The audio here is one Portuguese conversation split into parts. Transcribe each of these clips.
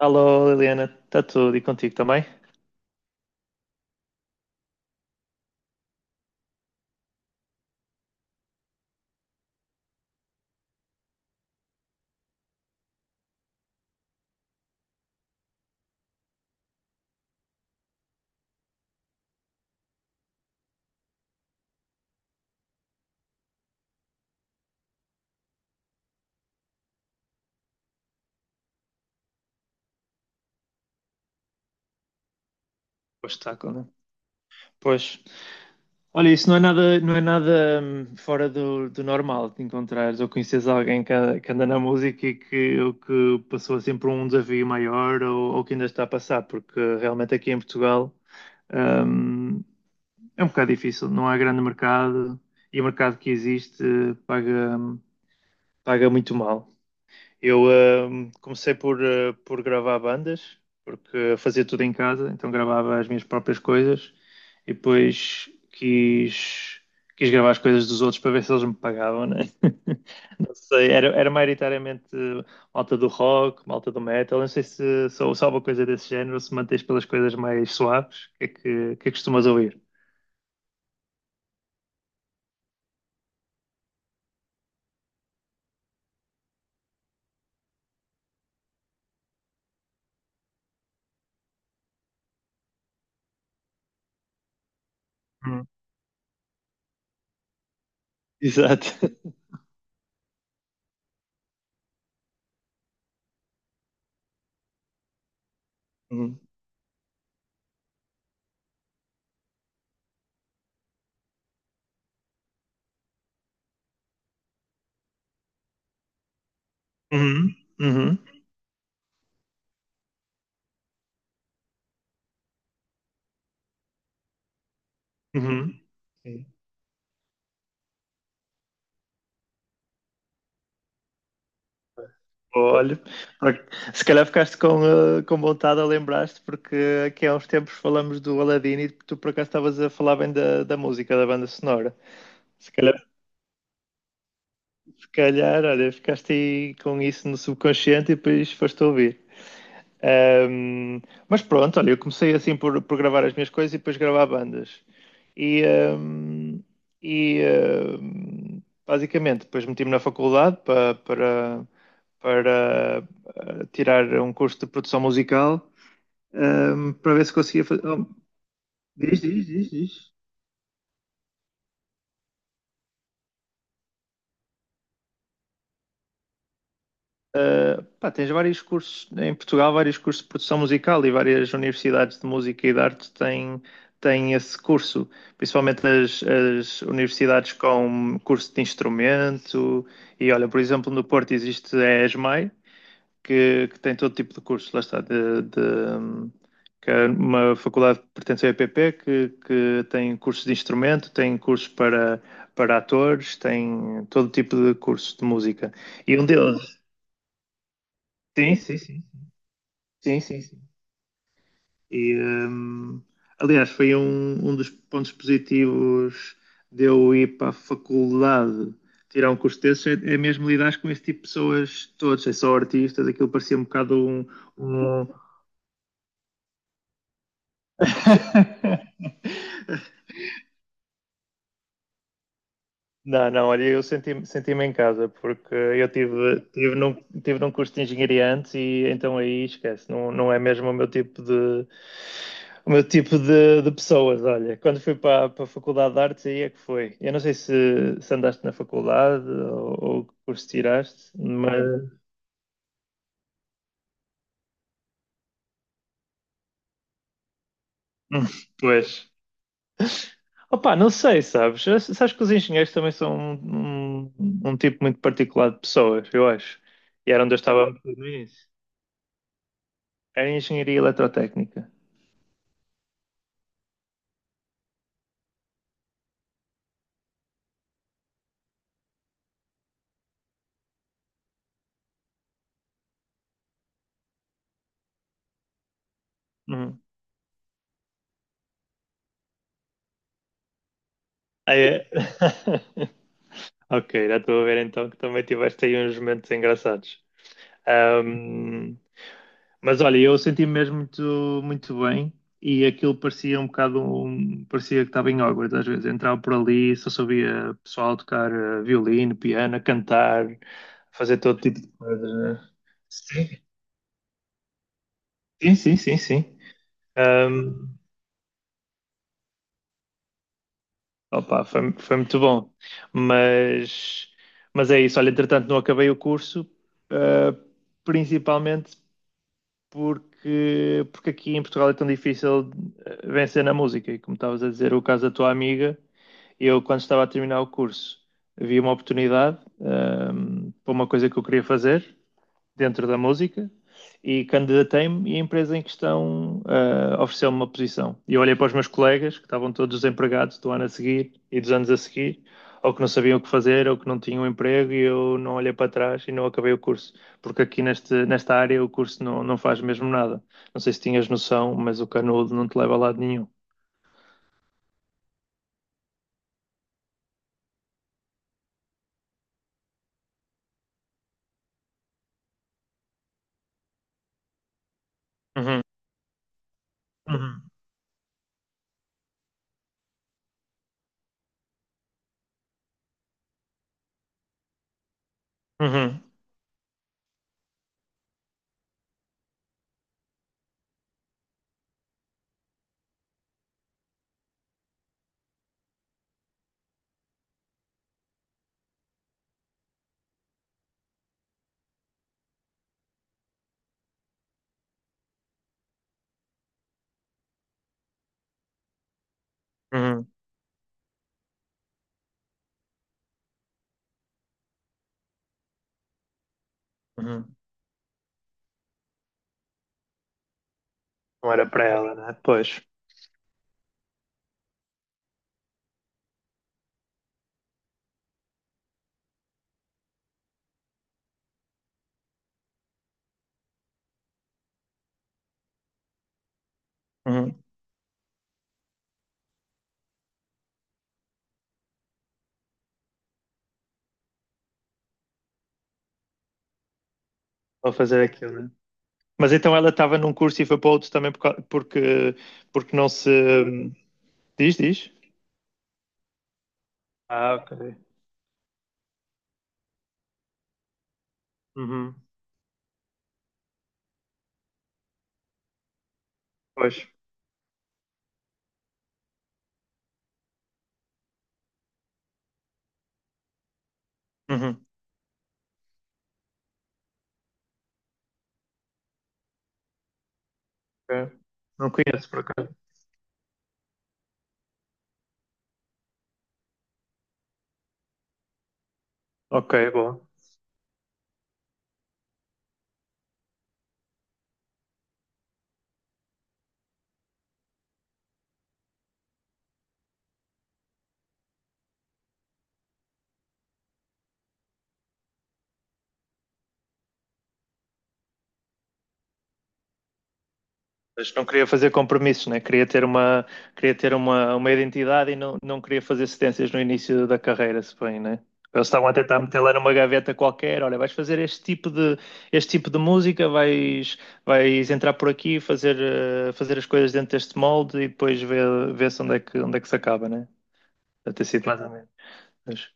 Alô, Liliana, está tudo e contigo também? Pois está, quando- pois. Olha, isso não é nada, não é nada fora do normal de encontrares ou conheces alguém que, a- que anda na música e que, ou que passou assim por um desafio maior ou que ainda está a passar, porque realmente aqui em Portugal hum, é um bocado difícil, não há grande mercado e o mercado que existe paga, paga muito mal. Eu comecei por por gravar bandas, porque fazia tudo em casa, então gravava as minhas próprias coisas e depois quis, quis gravar as coisas dos outros para ver se eles me pagavam, né? Não sei, era, era maioritariamente malta do rock, malta do metal. Eu não sei se sou só uma coisa desse género, se mantens pelas coisas mais suaves. O que é que costumas ouvir? Hum. Exato. Uhum. Uhum. Uhum. Uhum. Sim. Olha, por- se calhar ficaste com, com vontade a lembrar-te, porque aqui há uns tempos falamos do Aladdin e tu por acaso estavas a falar bem da música, da banda sonora. Se calhar, se calhar, olha, ficaste aí com isso no subconsciente e depois foste ouvir. Um, mas pronto, olha, eu comecei assim por gravar as minhas coisas e depois gravar bandas. E, um, e um, basicamente, depois meti-me na faculdade para tirar um curso de produção musical, para ver se conseguia fazer. Oh, diz, diz, diz, diz. Pá, tens vários cursos em Portugal, vários cursos de produção musical e várias universidades de música e de arte têm, têm esse curso, principalmente as universidades com curso de instrumento. E olha, por exemplo, no Porto existe a ESMAI, que tem todo tipo de cursos, lá está, que é uma faculdade que pertence ao EPP, que tem cursos de instrumento, tem cursos para, para atores, tem todo tipo de curso de música. E um deles. Sim, sim, sim. Sim, sim, sim. E, aliás, foi um dos pontos positivos de eu ir para a faculdade tirar um curso desses, é, é mesmo lidar com esse tipo de pessoas todos, é só artistas, aquilo parecia um bocado um- Não, não, olha, eu senti-me senti-me em casa porque eu tive, tive num curso de engenharia antes e então aí esquece, não, não é mesmo o meu tipo de de pessoas, olha. Quando fui para, para a Faculdade de Artes aí é que foi. Eu não sei se, se andaste na faculdade ou que curso tiraste, mas Hum, pois. Opa, não sei, sabes? Sabes que os engenheiros também são um tipo muito particular de pessoas, eu acho. E era onde eu estava muito no era engenharia eletrotécnica. Hum. Ah, é? Ok, já estou a ver então que também tiveste aí uns momentos engraçados. Ahm, mas olha, eu senti-me mesmo muito, muito bem e aquilo parecia um bocado, parecia que estava em Hogwarts às vezes. Entrava por ali, só sabia pessoal tocar violino, piano, cantar, fazer todo tipo de coisas, né? Sim, sim, sim, sim, sim. Opa, foi, foi muito bom. Mas, mas é isso. Olha, entretanto, não acabei o curso, ah, principalmente porque, porque aqui em Portugal é tão difícil vencer na música. E como estavas a dizer, o caso da tua amiga, eu, quando estava a terminar o curso, vi uma oportunidade, para uma coisa que eu queria fazer dentro da música e candidatei-me e a empresa em questão ofereceu-me uma posição. E eu olhei para os meus colegas, que estavam todos desempregados do ano a seguir e dos anos a seguir, ou que não sabiam o que fazer, ou que não tinham emprego, e eu não olhei para trás e não acabei o curso. Porque aqui nesta área o curso não, não faz mesmo nada. Não sei se tinhas noção, mas o canudo não te leva a lado nenhum. Uhum, uhum, uhum, uhum, uhum. Não era para ela, né? Pois. Uhum. Vou fazer aquilo, né? Mas então ela estava num curso e foi para outro também porque, porque não se. Diz, diz? Ah, ok. Uhum. Pois. Uhum. Ok. Não conheço por acaso. Ok, bom. Mas não queria fazer compromissos, né? Queria ter uma identidade e não, não queria fazer cedências no início da carreira, se bem, né? Eles estavam a tentar meter lá numa gaveta qualquer, olha, vais fazer este tipo de música, vais, vais entrar por aqui, fazer, fazer as coisas dentro deste molde e depois ver, ver-se onde é que se acaba, né? Deve ter sido mais ou menos. Mas,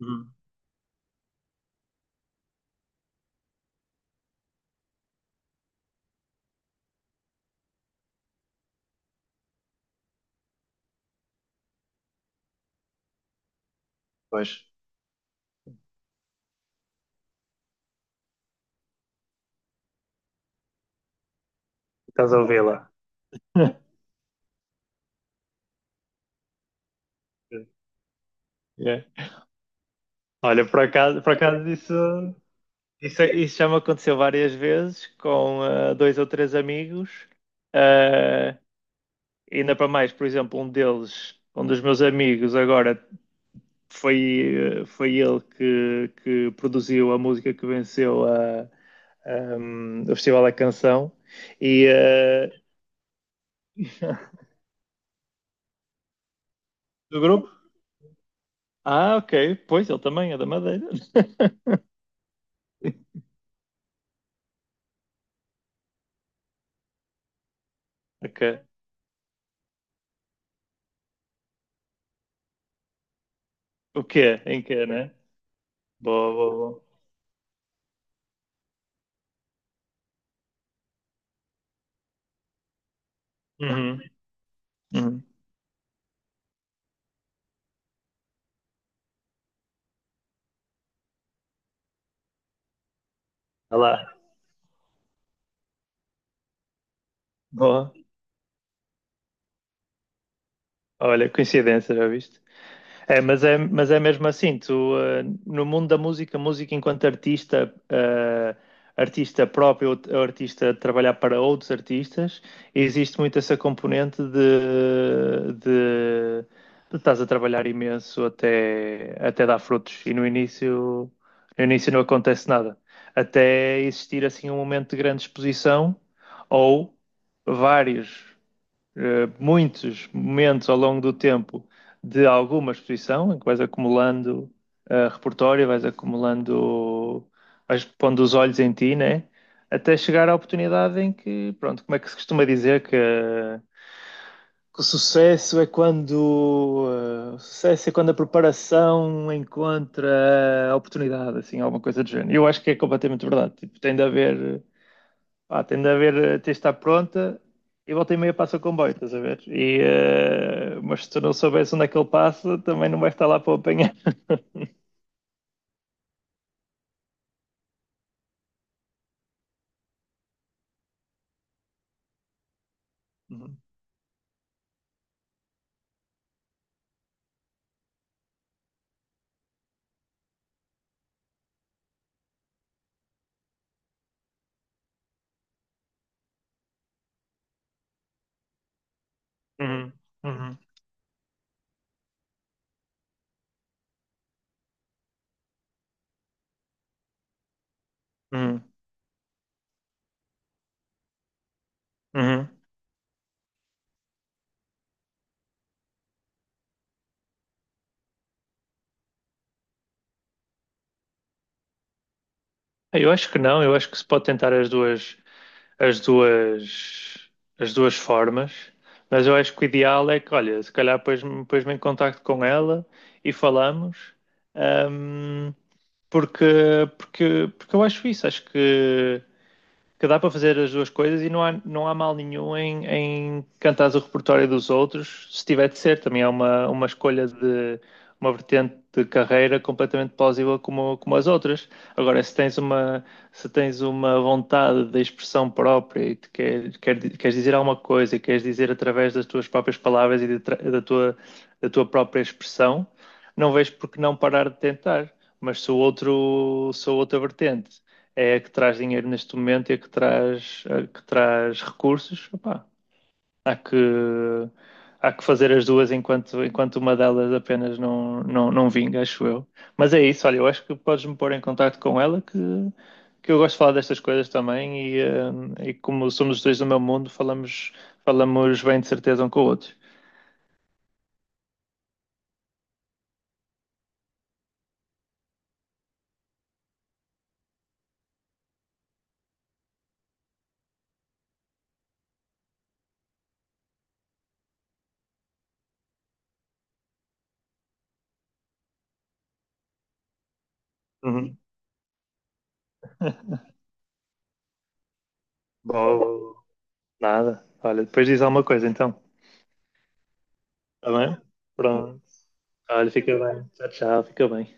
hum, pois, estás a ouvir lá. Yeah. Olha, por acaso isso, isso, isso já me aconteceu várias vezes com dois ou três amigos. Ah, ainda para mais, por exemplo, um deles, um dos meus amigos, agora foi, foi ele que produziu a música que venceu a, o Festival da Canção. E, ah, do grupo? Ah, ok. Pois, ele também é da Madeira. Ok. O quê? Em quê, né? Boa, boa, boa. Uhum, uhum. Olha lá. Boa. Olha, coincidência, já viste? É, mas é, mas é mesmo assim, tu, no mundo da música, música enquanto artista, artista próprio, ou ou artista a trabalhar para outros artistas, existe muito essa componente de estás a trabalhar imenso até, até dar frutos e no início, no início não acontece nada. Até existir assim um momento de grande exposição ou vários muitos momentos ao longo do tempo de alguma exposição, em que vais acumulando repertório, vais acumulando, vais pondo os olhos em ti, né? Até chegar à oportunidade em que, pronto, como é que se costuma dizer que, que o sucesso é quando, o sucesso é quando a preparação encontra a oportunidade, assim, alguma coisa do género. Eu acho que é completamente verdade. Tipo, tem de haver pá, tem de haver, tem de estar pronta e volta e meia passa o comboio, estás a ver? E, mas se tu não soubesse onde é que ele passa, também não vais estar lá para o apanhar. Uhum, uhum, uhum, uhum, uhum. Eu acho que não, eu acho que se pode tentar as duas, as duas formas, mas eu acho que o ideal é que, olha, se calhar depois me em contacto com ela e falamos, ahm, porque, porque eu acho isso, acho que dá para fazer as duas coisas e não há, não há mal nenhum em, em cantares o repertório dos outros, se tiver de ser. Também é uma escolha de uma vertente de carreira completamente plausível como, como as outras. Agora, se tens uma vontade de expressão própria e te queres dizer alguma coisa e queres dizer através das tuas próprias palavras e da tua própria expressão, não vejo por que não parar de tentar. Mas se o outro, se a outra vertente é a que traz dinheiro neste momento e a que traz recursos, opá, há que há que fazer as duas enquanto, enquanto uma delas apenas não, não, não vinga, acho eu. Mas é isso, olha, eu acho que podes-me pôr em contacto com ela que eu gosto de falar destas coisas também e, e como somos os dois do meu mundo, falamos, falamos bem de certeza um com o outro. Uhum. Bom, nada. Olha, depois diz alguma coisa então. Tá bem? Pronto. Olha, fica bem. Tchau, tchau. Fica bem.